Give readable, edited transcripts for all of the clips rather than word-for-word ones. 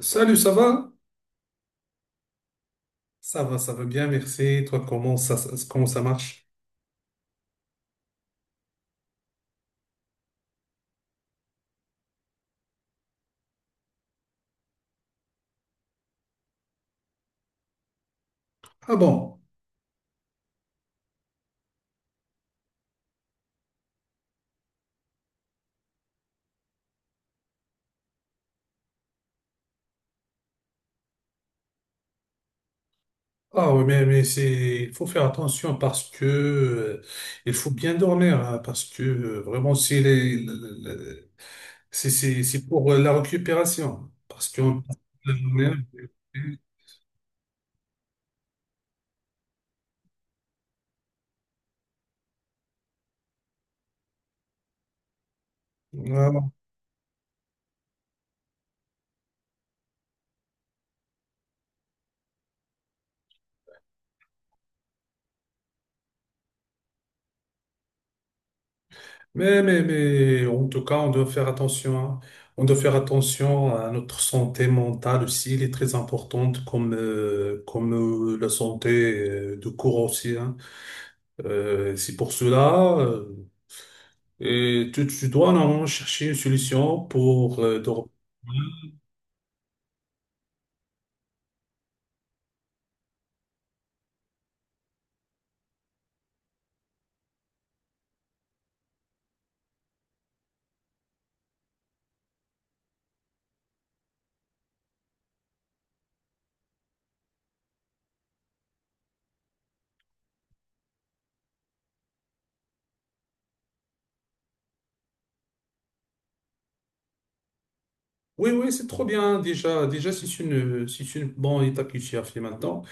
Salut, ça va? Ça va, ça va bien, merci. Toi, comment ça, comment ça marche? Ah bon? Ah oui, mais c'est, il faut faire attention parce que il faut bien dormir, hein, parce que vraiment, c'est les- le- c'est pour la récupération. Parce qu'on. Ah, Mais, en tout cas, on doit faire attention, hein. On doit faire attention à notre santé mentale aussi. Elle est très importante, comme, comme la santé de corps aussi, hein. C'est pour cela, et tu dois normalement chercher une solution pour dormir. Oui, oui, c'est trop bien. Déjà, si c'est une, si c'est une bonne étape que tu as fait maintenant.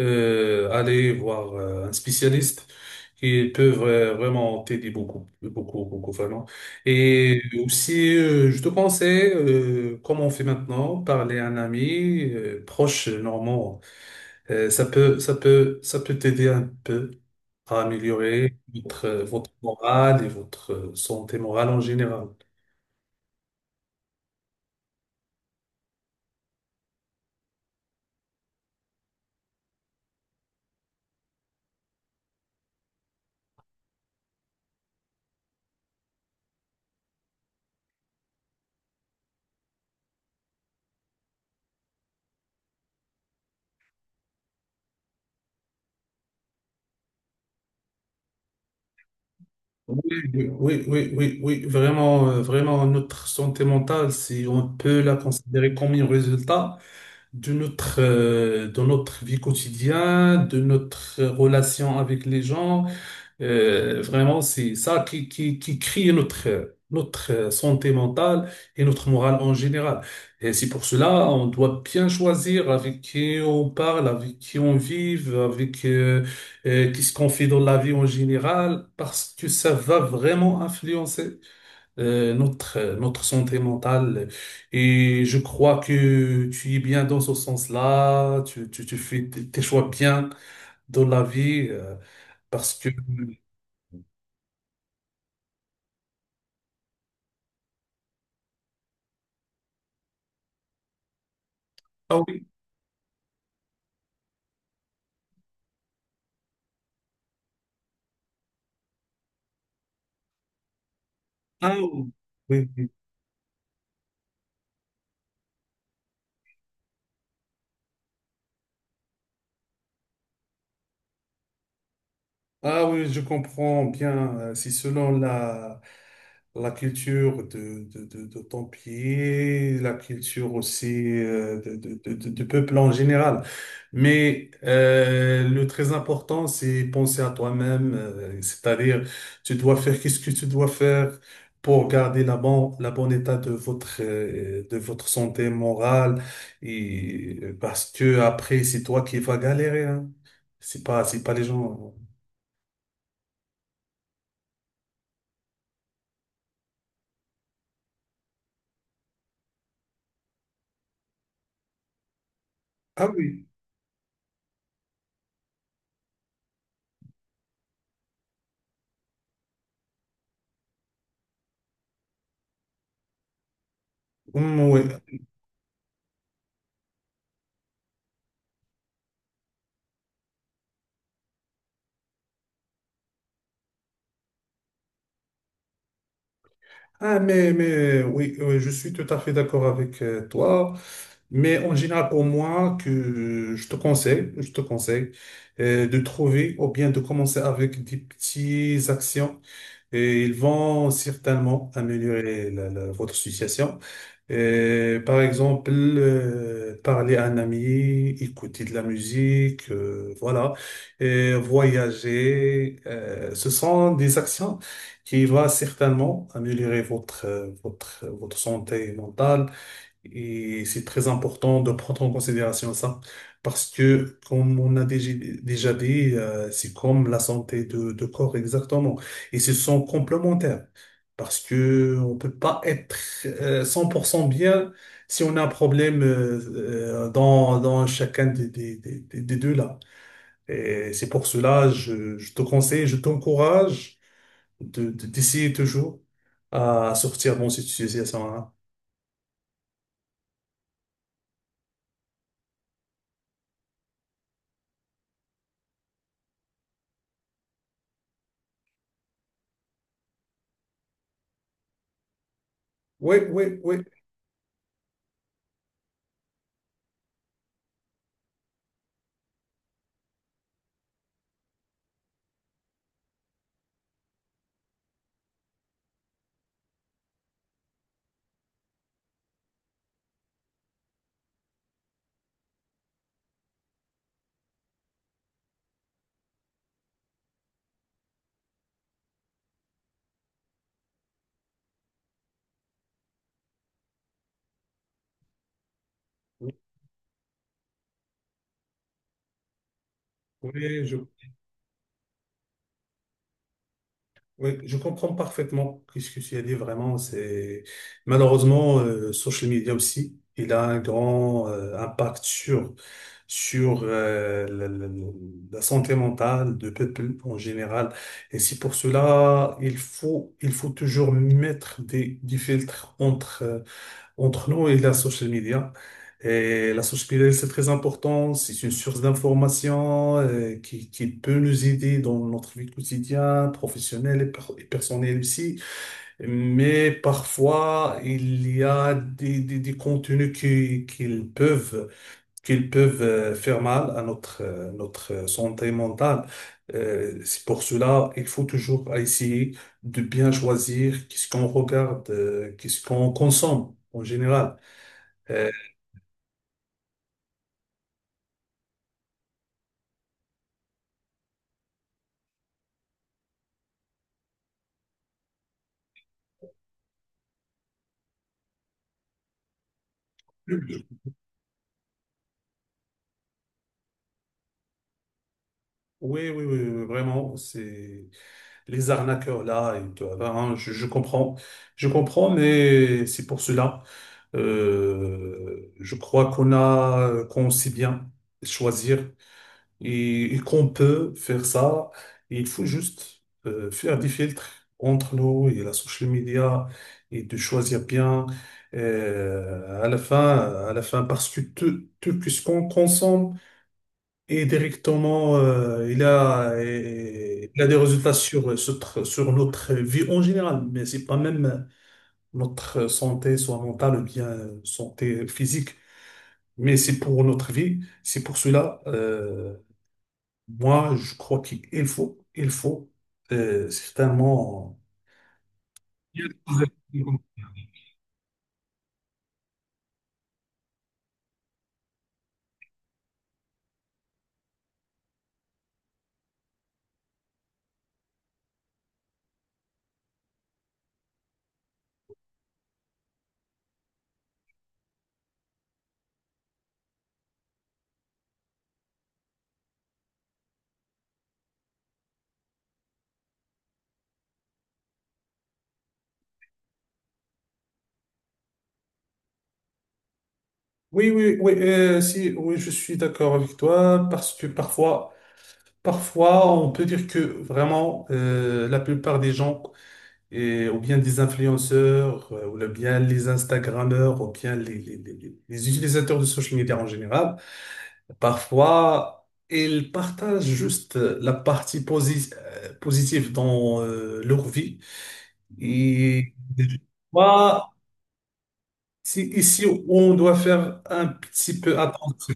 Aller voir un spécialiste. Ils peuvent vraiment t'aider beaucoup, beaucoup, beaucoup, vraiment. Et aussi, je te conseille, comme on fait maintenant, parler à un ami proche normand. Ça peut t'aider un peu à améliorer votre, votre morale et votre santé morale en général. Oui, oui, vraiment, vraiment, notre santé mentale, si on peut la considérer comme un résultat, de notre vie quotidienne, de notre relation avec les gens. Vraiment, c'est ça qui crée notre, notre santé mentale et notre morale en général. Et c'est pour cela, on doit bien choisir avec qui on parle, avec qui on vit, avec qu'est-ce qu'on fait dans la vie en général, parce que ça va vraiment influencer notre, notre santé mentale. Et je crois que tu es bien dans ce sens-là, tu fais tes choix bien dans la vie, parce que... Ah oui, ah oui, oui, Ah oui, je comprends bien. C'est selon la, la culture de ton pays, la culture aussi de, du peuple en général. Mais le très important, c'est penser à toi-même, c'est-à-dire tu dois faire qu'est-ce que tu dois faire pour garder la bon, la bonne état de votre santé morale et parce que après c'est toi qui vas galérer, hein. C'est pas les gens. Ah oui, oui. Ah, mais oui, oui, je suis tout à fait d'accord avec toi. Mais en général, pour moi, que je te conseille de trouver ou bien de commencer avec des petites actions et ils vont certainement améliorer votre situation. Et par exemple, parler à un ami, écouter de la musique, voilà, et voyager, ce sont des actions qui vont certainement améliorer votre, votre santé mentale et c'est très important de prendre en considération ça, parce que, comme on a déjà dit, c'est comme la santé de corps exactement. Et ce sont complémentaires, parce que on peut pas être 100% bien si on a un problème dans, dans chacun des deux là. Et c'est pour cela, je te conseille, je t'encourage de, d'essayer toujours à sortir de cette situation-là. Oui, oui, oui. Oui, je, oui, je comprends parfaitement ce que tu as dit vraiment. C'est malheureusement social media aussi, il a un grand impact sur la, la santé mentale du peuple en général. Et c'est pour cela il faut toujours mettre des filtres entre entre nous et la social media. Et la social media, c'est très important. C'est une source d'information qui peut nous aider dans notre vie quotidienne, professionnelle et et personnelle aussi. Mais parfois, il y a des, des contenus qui, qu'ils peuvent faire mal à notre, notre santé mentale. C'est pour cela, il faut toujours essayer de bien choisir qu'est-ce qu'on regarde, qu'est-ce qu'on consomme en général. Euh, oui, oui, vraiment, c'est les arnaqueurs là, et tout, hein, je comprends, mais c'est pour cela. Je crois qu'on a, qu'on sait bien choisir et qu'on peut faire ça. Et il faut juste faire des filtres entre nous et la social media et de choisir bien euh, à la fin, à la fin, parce que tout, tout ce qu'on consomme Et directement, il a des résultats sur notre vie en général, mais c'est pas même notre santé, soit mentale ou bien santé physique, mais c'est pour notre vie. C'est pour cela, moi, je crois qu'il faut certainement. Oui, oui, oui, si, oui, je suis d'accord avec toi parce que parfois, on peut dire que vraiment, la plupart des gens et, ou bien des influenceurs, ou bien les Instagrammeurs, ou bien les, les utilisateurs de social media en général, parfois, ils partagent juste la partie positive dans leur vie. Et moi, c'est ici où on doit faire un petit peu attention.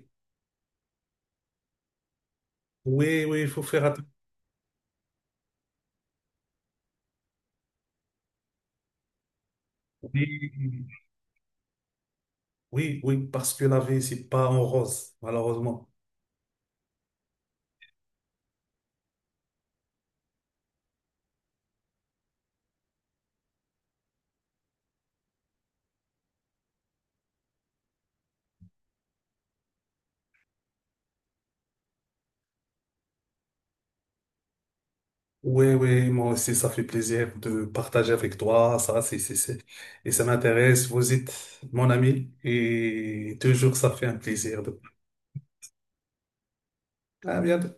Oui, oui, il faut faire attention. Oui, oui, oui, parce que la vie, c'est pas en rose, malheureusement. Oui, oui, moi aussi, ça fait plaisir de partager avec toi. Ça, c'est, et ça m'intéresse. Vous êtes mon ami et toujours, ça fait un plaisir. De... À bientôt.